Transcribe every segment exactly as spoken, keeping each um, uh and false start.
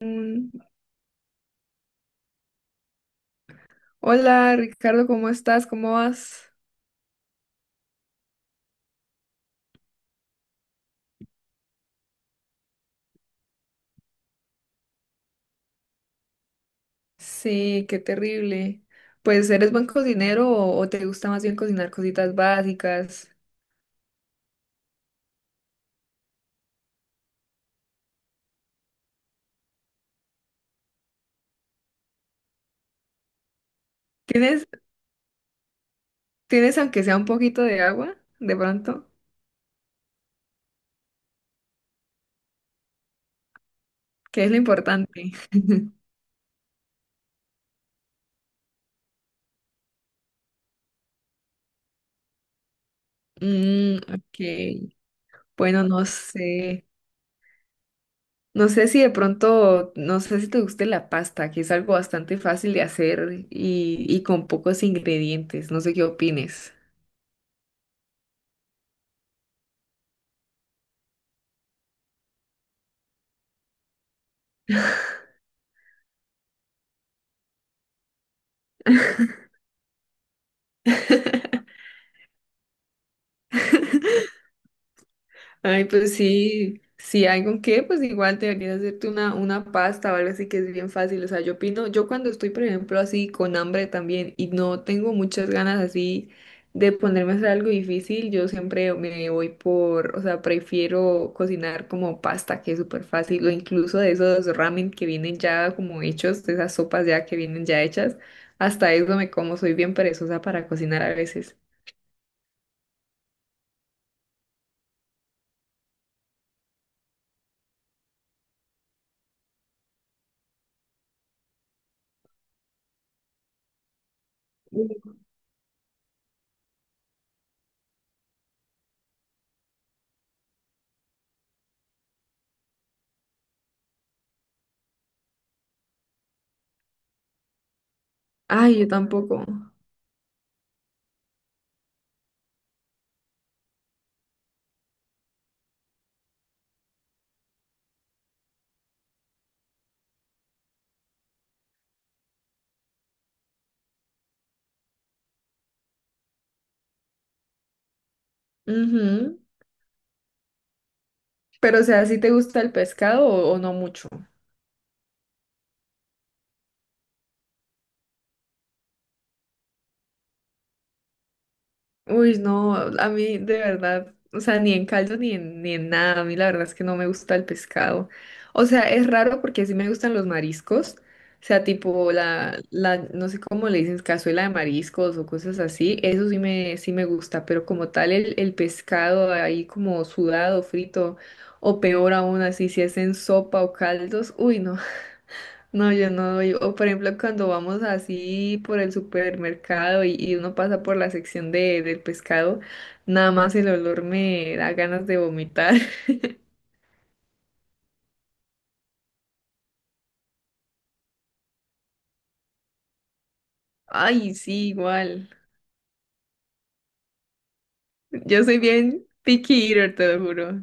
Mm, hola Ricardo, ¿cómo estás? ¿Cómo vas? Sí, qué terrible. Pues, ¿eres buen cocinero o, o te gusta más bien cocinar cositas básicas? ¿Tienes, tienes aunque sea un poquito de agua, de pronto? Que es lo importante. Mm, ok. Bueno, no sé. No sé si de pronto, no sé si te guste la pasta, que es algo bastante fácil de hacer y, y con pocos ingredientes. No sé qué opines. Ay, pues sí, si hay con qué, pues igual deberías hacerte una, una pasta o algo así que es bien fácil. O sea, yo opino, yo cuando estoy, por ejemplo, así con hambre también y no tengo muchas ganas así de ponerme a hacer algo difícil, yo siempre me voy por, o sea, prefiero cocinar como pasta, que es súper fácil, o incluso de esos ramen que vienen ya como hechos, de esas sopas ya que vienen ya hechas. Hasta eso me como, soy bien perezosa para cocinar a veces. Ay, yo tampoco. Ujú. Pero, o sea, ¿sí te gusta el pescado o, o no mucho? Uy, no, a mí de verdad, o sea, ni en caldo ni en, ni en nada, a mí la verdad es que no me gusta el pescado. O sea, es raro porque sí me gustan los mariscos, o sea, tipo la, la, no sé cómo le dicen, cazuela de mariscos o cosas así, eso sí me, sí me gusta, pero como tal el, el pescado ahí como sudado, frito, o peor aún así, si es en sopa o caldos, uy, no. No, yo no doy. O por ejemplo, cuando vamos así por el supermercado y, y uno pasa por la sección de, del pescado, nada más el olor me da ganas de vomitar. Ay, sí, igual. Yo soy bien picky eater, te lo juro.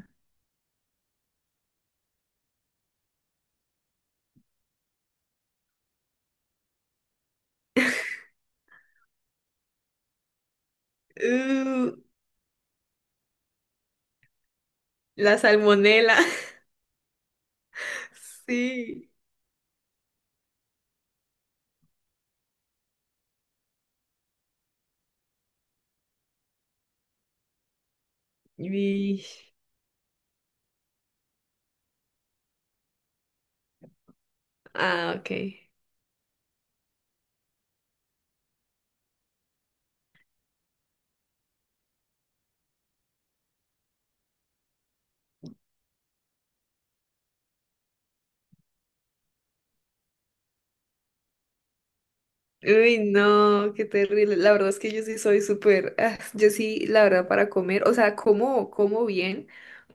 Uh, la salmonela. Sí. Y- Ah, ok. Uy, no, qué terrible. La verdad es que yo sí soy súper, ah, yo sí, la verdad, para comer, o sea, como, como bien,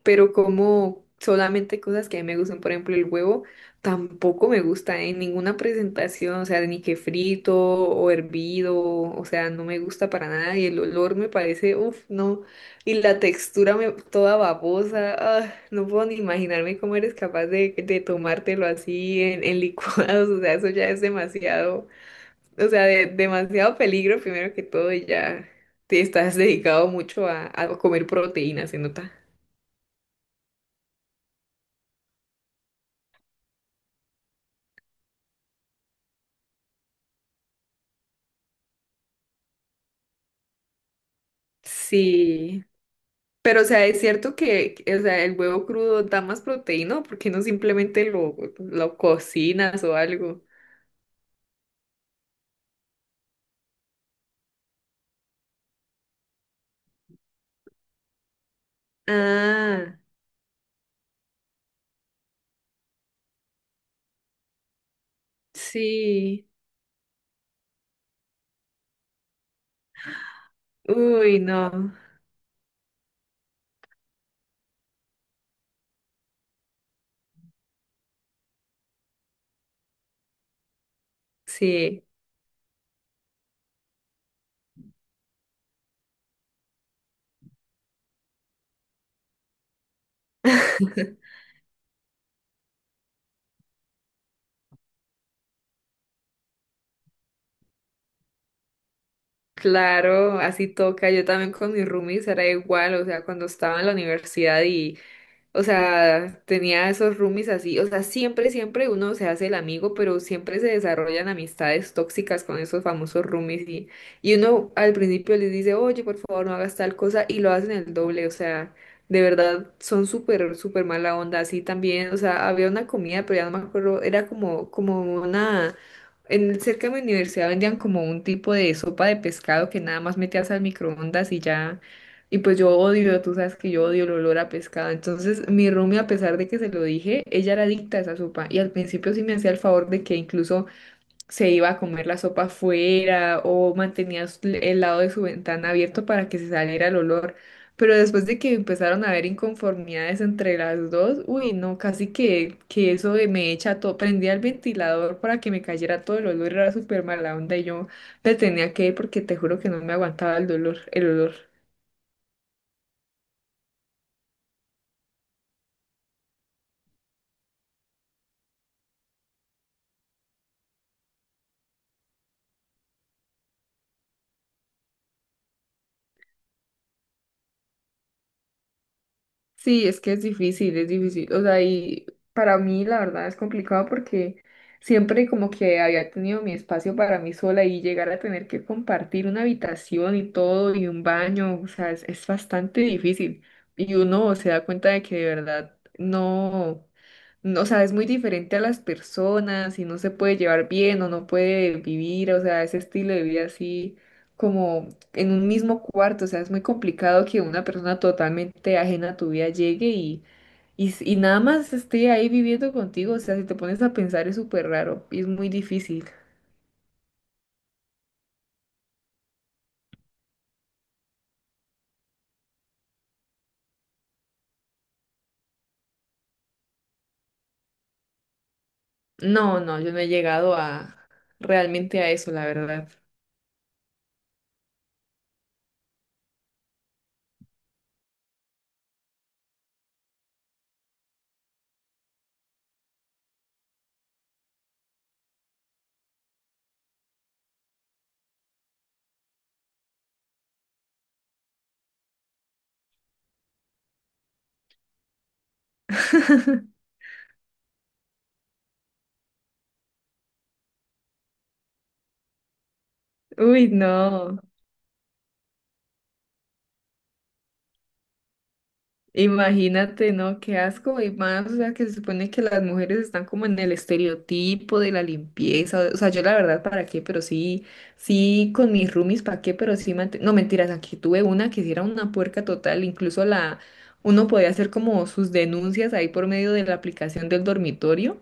pero como solamente cosas que a mí me gustan, por ejemplo, el huevo tampoco me gusta en ninguna presentación, o sea, ni que frito o hervido, o sea, no me gusta para nada y el olor me parece, uff, no, y la textura me, toda babosa, ah, no puedo ni imaginarme cómo eres capaz de, de tomártelo así en, en licuados, o sea, eso ya es demasiado. O sea, de, demasiado peligro primero que todo y ya te estás dedicado mucho a, a comer proteína, se nota. Sí, pero o sea, es cierto que, o sea, el huevo crudo da más proteína, ¿por qué no simplemente lo, lo cocinas o algo? Ah, sí. Uy, no. Sí. Claro, así toca. Yo también con mis roomies era igual, o sea, cuando estaba en la universidad. O sea, tenía esos roomies así. O sea, siempre, siempre uno se hace el amigo, pero siempre se desarrollan amistades tóxicas con esos famosos roomies. Y, y uno al principio les dice, oye, por favor, no hagas tal cosa, y lo hacen el doble. O sea, de verdad, son súper, súper mala onda. Así también, o sea, había una comida, pero ya no me acuerdo, era como, como una… En, cerca de mi universidad vendían como un tipo de sopa de pescado que nada más metías al microondas y ya. Y pues yo odio, tú sabes que yo odio el olor a pescado. Entonces, mi roomie, a pesar de que se lo dije, ella era adicta a esa sopa. Y al principio sí me hacía el favor de que incluso se iba a comer la sopa fuera o mantenía s- el lado de su ventana abierto para que se saliera el olor. Pero después de que empezaron a haber inconformidades entre las dos, uy, no, casi que, que eso de me echa todo. Prendía el ventilador para que me cayera todo el olor, era súper mala onda. Y yo me tenía que ir porque te juro que no me aguantaba el dolor, el olor. Sí, es que es difícil, es difícil. O sea, y para mí la verdad es complicado porque siempre como que había tenido mi espacio para mí sola y llegar a tener que compartir una habitación y todo y un baño, o sea, es, es bastante difícil. Y uno se da cuenta de que de verdad no no, o sea, es muy diferente a las personas y no se puede llevar bien o no puede vivir, o sea, ese estilo de vida así como en un mismo cuarto, o sea, es muy complicado que una persona totalmente ajena a tu vida llegue y, y, s- y nada más esté ahí viviendo contigo, o sea, si te pones a pensar es súper raro y es muy difícil. No, no, yo no he llegado a realmente a eso, la verdad. Uy, no. Imagínate, ¿no? Qué asco. Y más, o sea, que se supone que las mujeres están como en el estereotipo de la limpieza. O sea, yo la verdad, ¿para qué? Pero sí, sí, con mis roomies, ¿para qué? Pero sí, mant- no mentiras, aquí tuve una que sí era una puerca total. Incluso la, uno podía hacer como sus denuncias ahí por medio de la aplicación del dormitorio.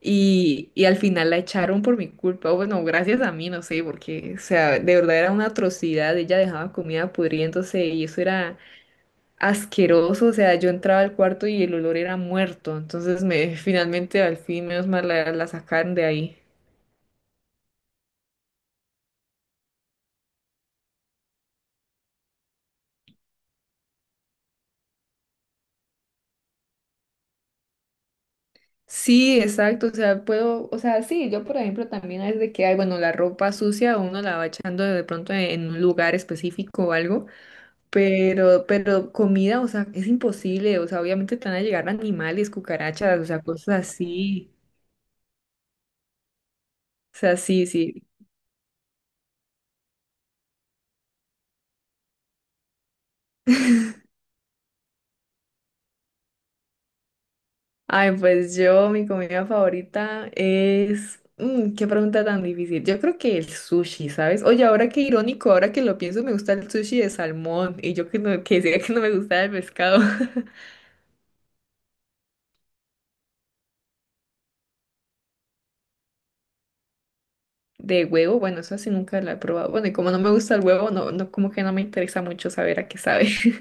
Y, y al final la echaron por mi culpa. Bueno, gracias a mí, no sé, porque, o sea, de verdad era una atrocidad. Ella dejaba comida pudriéndose y eso era asqueroso, o sea, yo entraba al cuarto y el olor era muerto, entonces me finalmente al fin menos mal la, la sacaron de ahí. Sí, exacto, o sea, puedo, o sea, sí, yo por ejemplo también es de que hay, bueno, la ropa sucia uno la va echando de pronto en, en un lugar específico o algo, pero, pero comida, o sea, es imposible, o sea, obviamente te van a llegar animales, cucarachas, o sea, cosas así, o sea, sí, sí. Ay, pues yo, mi comida favorita es… mm, qué pregunta tan difícil. Yo creo que el sushi, ¿sabes? Oye, ahora qué irónico, ahora que lo pienso, me gusta el sushi de salmón y yo que, no, que decía que no me gustaba el pescado. De huevo, bueno, eso sí nunca la he probado. Bueno, y como no me gusta el huevo, no, no, como que no me interesa mucho saber a qué sabe.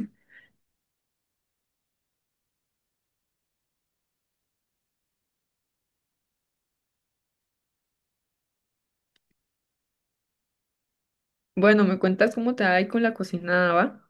Bueno, ¿me cuentas cómo te va ahí con la cocinada va?